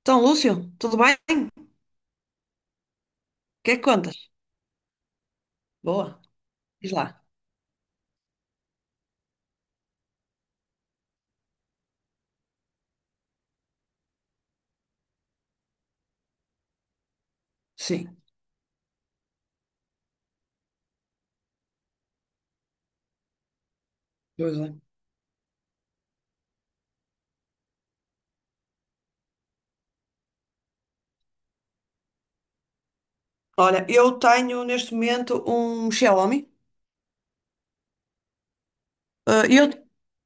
Então, Lúcio, tudo bem? O que é que contas? Boa, diz lá. Sim, pois é. Olha, eu tenho neste momento um Xiaomi. Ah,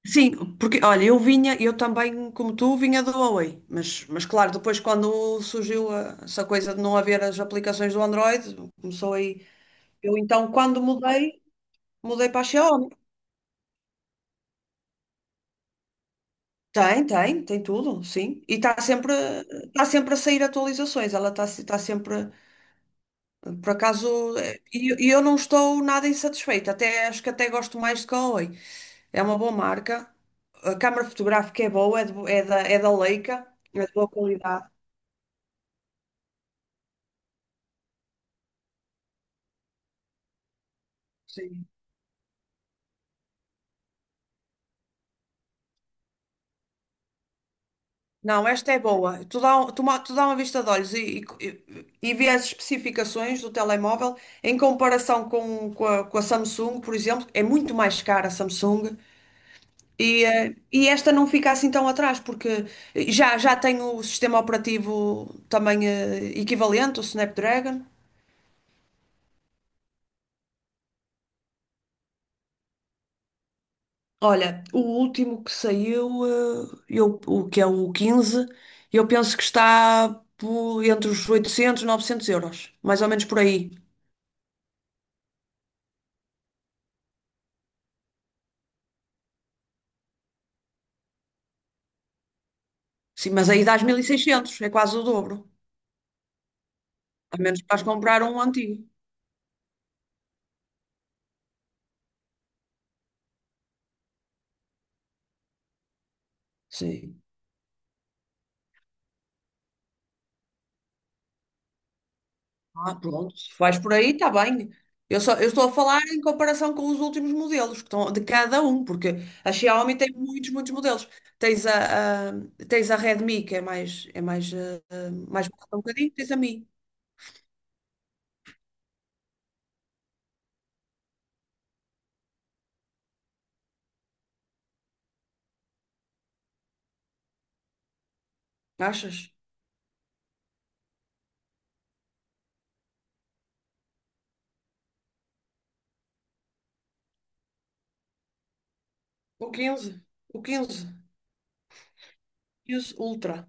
sim, porque, olha, eu também, como tu, vinha do Huawei. Mas claro, depois quando surgiu essa coisa de não haver as aplicações do Android, começou aí. Eu então, quando mudei, mudei para a Xiaomi. Tem tudo, sim. E está sempre a sair atualizações. Ela está sempre. Por acaso, e eu não estou nada insatisfeita, até acho que até gosto mais de Huawei. É uma boa marca, a câmara fotográfica é boa, é, de bo- é da Leica, é de boa qualidade. Sim. Não, esta é boa. Tu dá, um- tu, ma- tu dá uma vista de olhos e vê as especificações do telemóvel em comparação com a Samsung, por exemplo, é muito mais cara a Samsung. E esta não fica assim tão atrás, porque já tem o sistema operativo também equivalente, o Snapdragon. Olha, o último que saiu, o que é o 15, eu penso que está entre os 800 e 900 euros, mais ou menos por aí. Sim, mas aí dás 1600, é quase o dobro. A menos que vais comprar um antigo. Sim. Ah, pronto. Se vais por aí, está bem. Eu estou a falar em comparação com os últimos modelos, que estão de cada um, porque a Xiaomi tem muitos, muitos modelos. Tens a, a- tens a Redmi, que é mais, mais barata um bocadinho, tens a Mi, achas? O 15 o 15, 15 Ultra.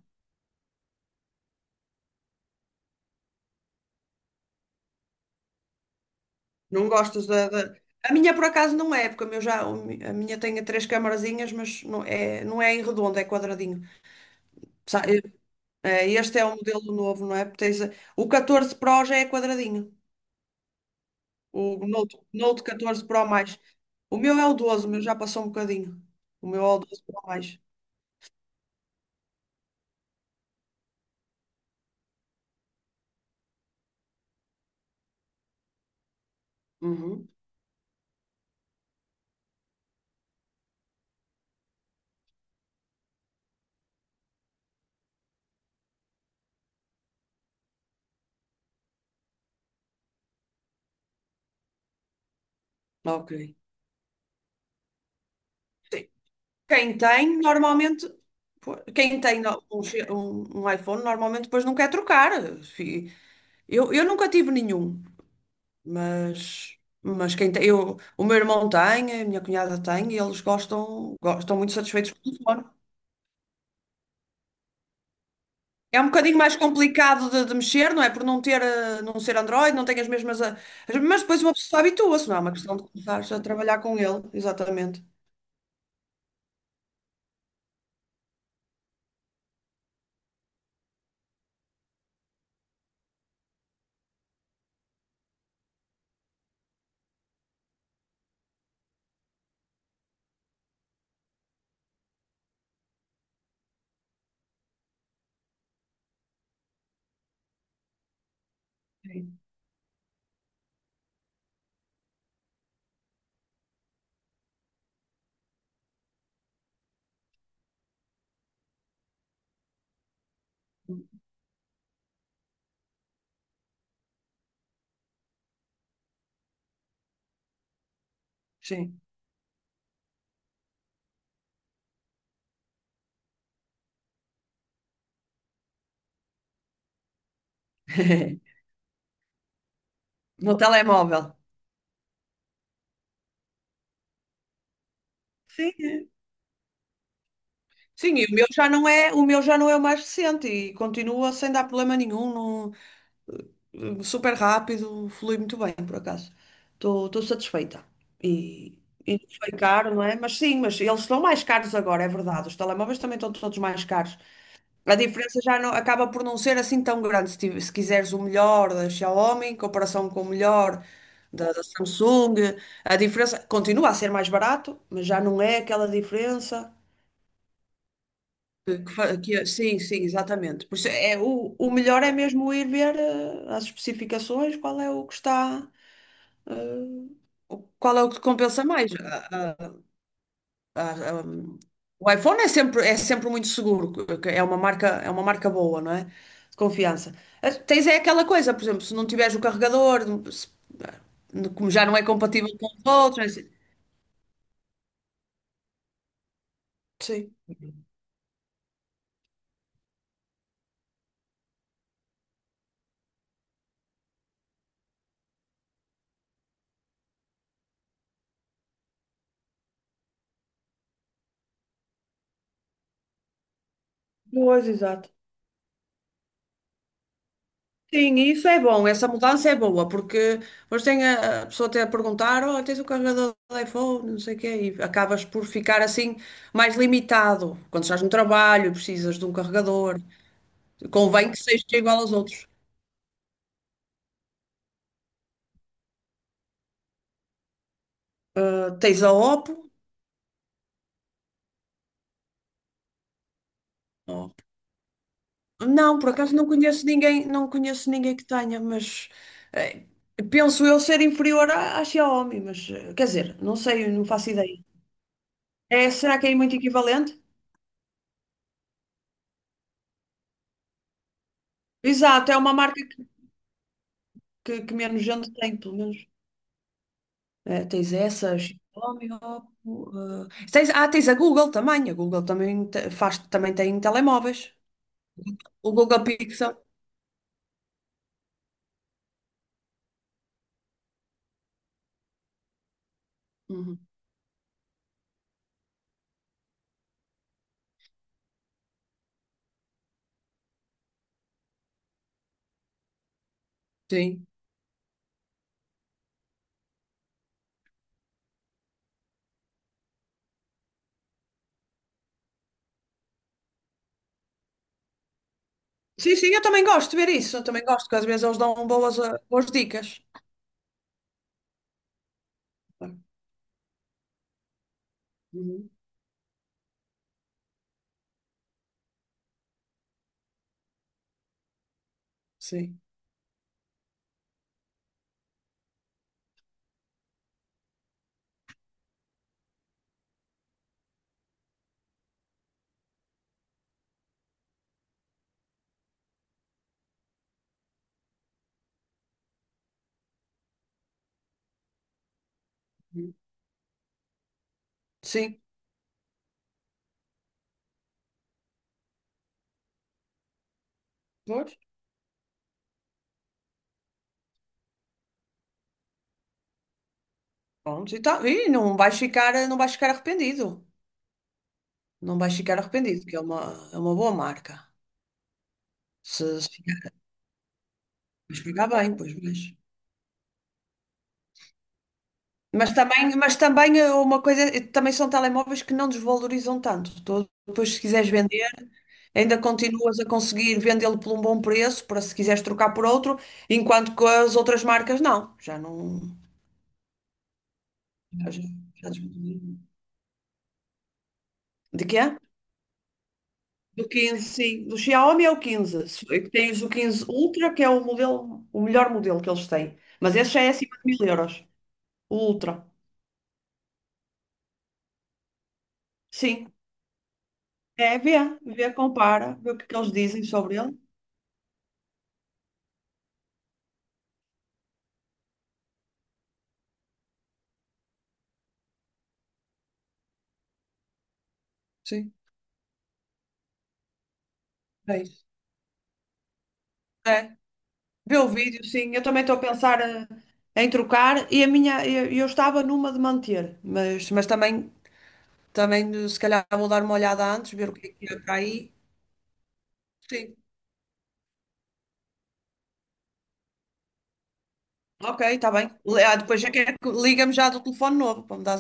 Não gostas da- A minha, por acaso, não é, porque a minha tem três camarazinhas, mas não é em redondo, é quadradinho. Sa- eh, Este é o modelo novo, não é? O 14 Pro já é quadradinho. O Note 14 Pro mais. O meu é o 12, o meu já passou um bocadinho. O meu é o 12 Pro mais. Uhum. Ok. Sim. Quem tem, normalmente, pô, quem tem no- um, che- um- um iPhone, normalmente depois não quer trocar. Fi- eu nunca tive nenhum, mas, quem tem, eu, o meu irmão tem, a minha cunhada tem, e eles gostam muito satisfeitos com o telefone. É um bocadinho mais complicado de mexer, não é? Por não ter, não ser Android, não tem as mesmas. Mas depois uma pessoa habitua-se, não é uma questão de começar a trabalhar com ele, exatamente. Sim. Sim. No telemóvel. Sim. É. Sim, e o meu já não é o mais recente e continua sem dar problema nenhum, super rápido, flui muito bem, por acaso. Estou satisfeita. E, e não foi caro, não é? Mas sim, mas eles estão mais caros agora, é verdade. Os telemóveis também estão todos mais caros. A diferença já não, acaba por não ser assim tão grande. Se quiseres o melhor da Xiaomi em comparação com o melhor da Samsung, a diferença continua a ser mais barato, mas já não é aquela diferença sim, sim, exatamente. Por isso é, o melhor é mesmo ir ver as especificações, qual é o que te compensa mais. ah, ah, o iPhone é sempre muito seguro, que é uma marca boa, não é? De confiança. Ah, tens é aquela coisa, por exemplo, se não tiveres o carregador, se- ah, como já não é compatível com os outros, não é assim. Sim. Pois, exato. Sim, isso é bom, essa mudança é boa, porque mas tem a pessoa até a perguntar, oh, tens o carregador do iPhone, não sei o quê, e acabas por ficar assim mais limitado. Quando estás no trabalho, e precisas de um carregador, convém que seja igual aos outros. Ah, tens a Oppo. Não. Por acaso não conheço ninguém que tenha, mas eh, penso eu ser inferior à Xiaomi, mas quer dizer, não sei, não faço ideia. É, será que é muito equivalente? Exato, é uma marca que menos gente tem, pelo menos. Tens essa, Xiaomi, Oppo, tens a Google também faz, também tem telemóveis, o Google Pixel. Uhum. Sim. Sim, sim, eu também gosto de ver isso, eu também gosto, que às vezes eles dão boas dicas. Uhum. Sim. Sim, pois. Pronto, e, tá, e não vais ficar arrependido. Não vais ficar arrependido, que é uma, boa marca. Se ficar, vais pagar bem, pois vais. Mas também, é uma coisa, também são telemóveis que não desvalorizam tanto. Tu, depois, se quiseres vender, ainda continuas a conseguir vendê-lo por um bom preço, para se quiseres trocar por outro, enquanto que as outras marcas não. Já não. Já, já, já desvalorizam. De quê? Do 15, sim. Do Xiaomi é o 15. Tens o 15 Ultra, que é o modelo, o melhor modelo que eles têm. Mas esse já é acima de 1000 euros. O Ultra. Sim. É, vê, compara, vê o que é que eles dizem sobre ele. Sim. É isso. É. Vê o vídeo, sim. Eu também estou a pensar em trocar e a minha, eu estava numa de manter, mas, também se calhar vou dar uma olhada antes, ver o que é para aí. Sim. Ok, está bem. Ah, depois já quer que liga-me já do telefone novo para me dar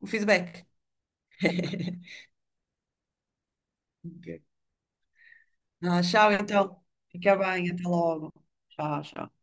o feedback. Ok. Ah, tchau, então. Fica bem, até logo. Tchau, tchau.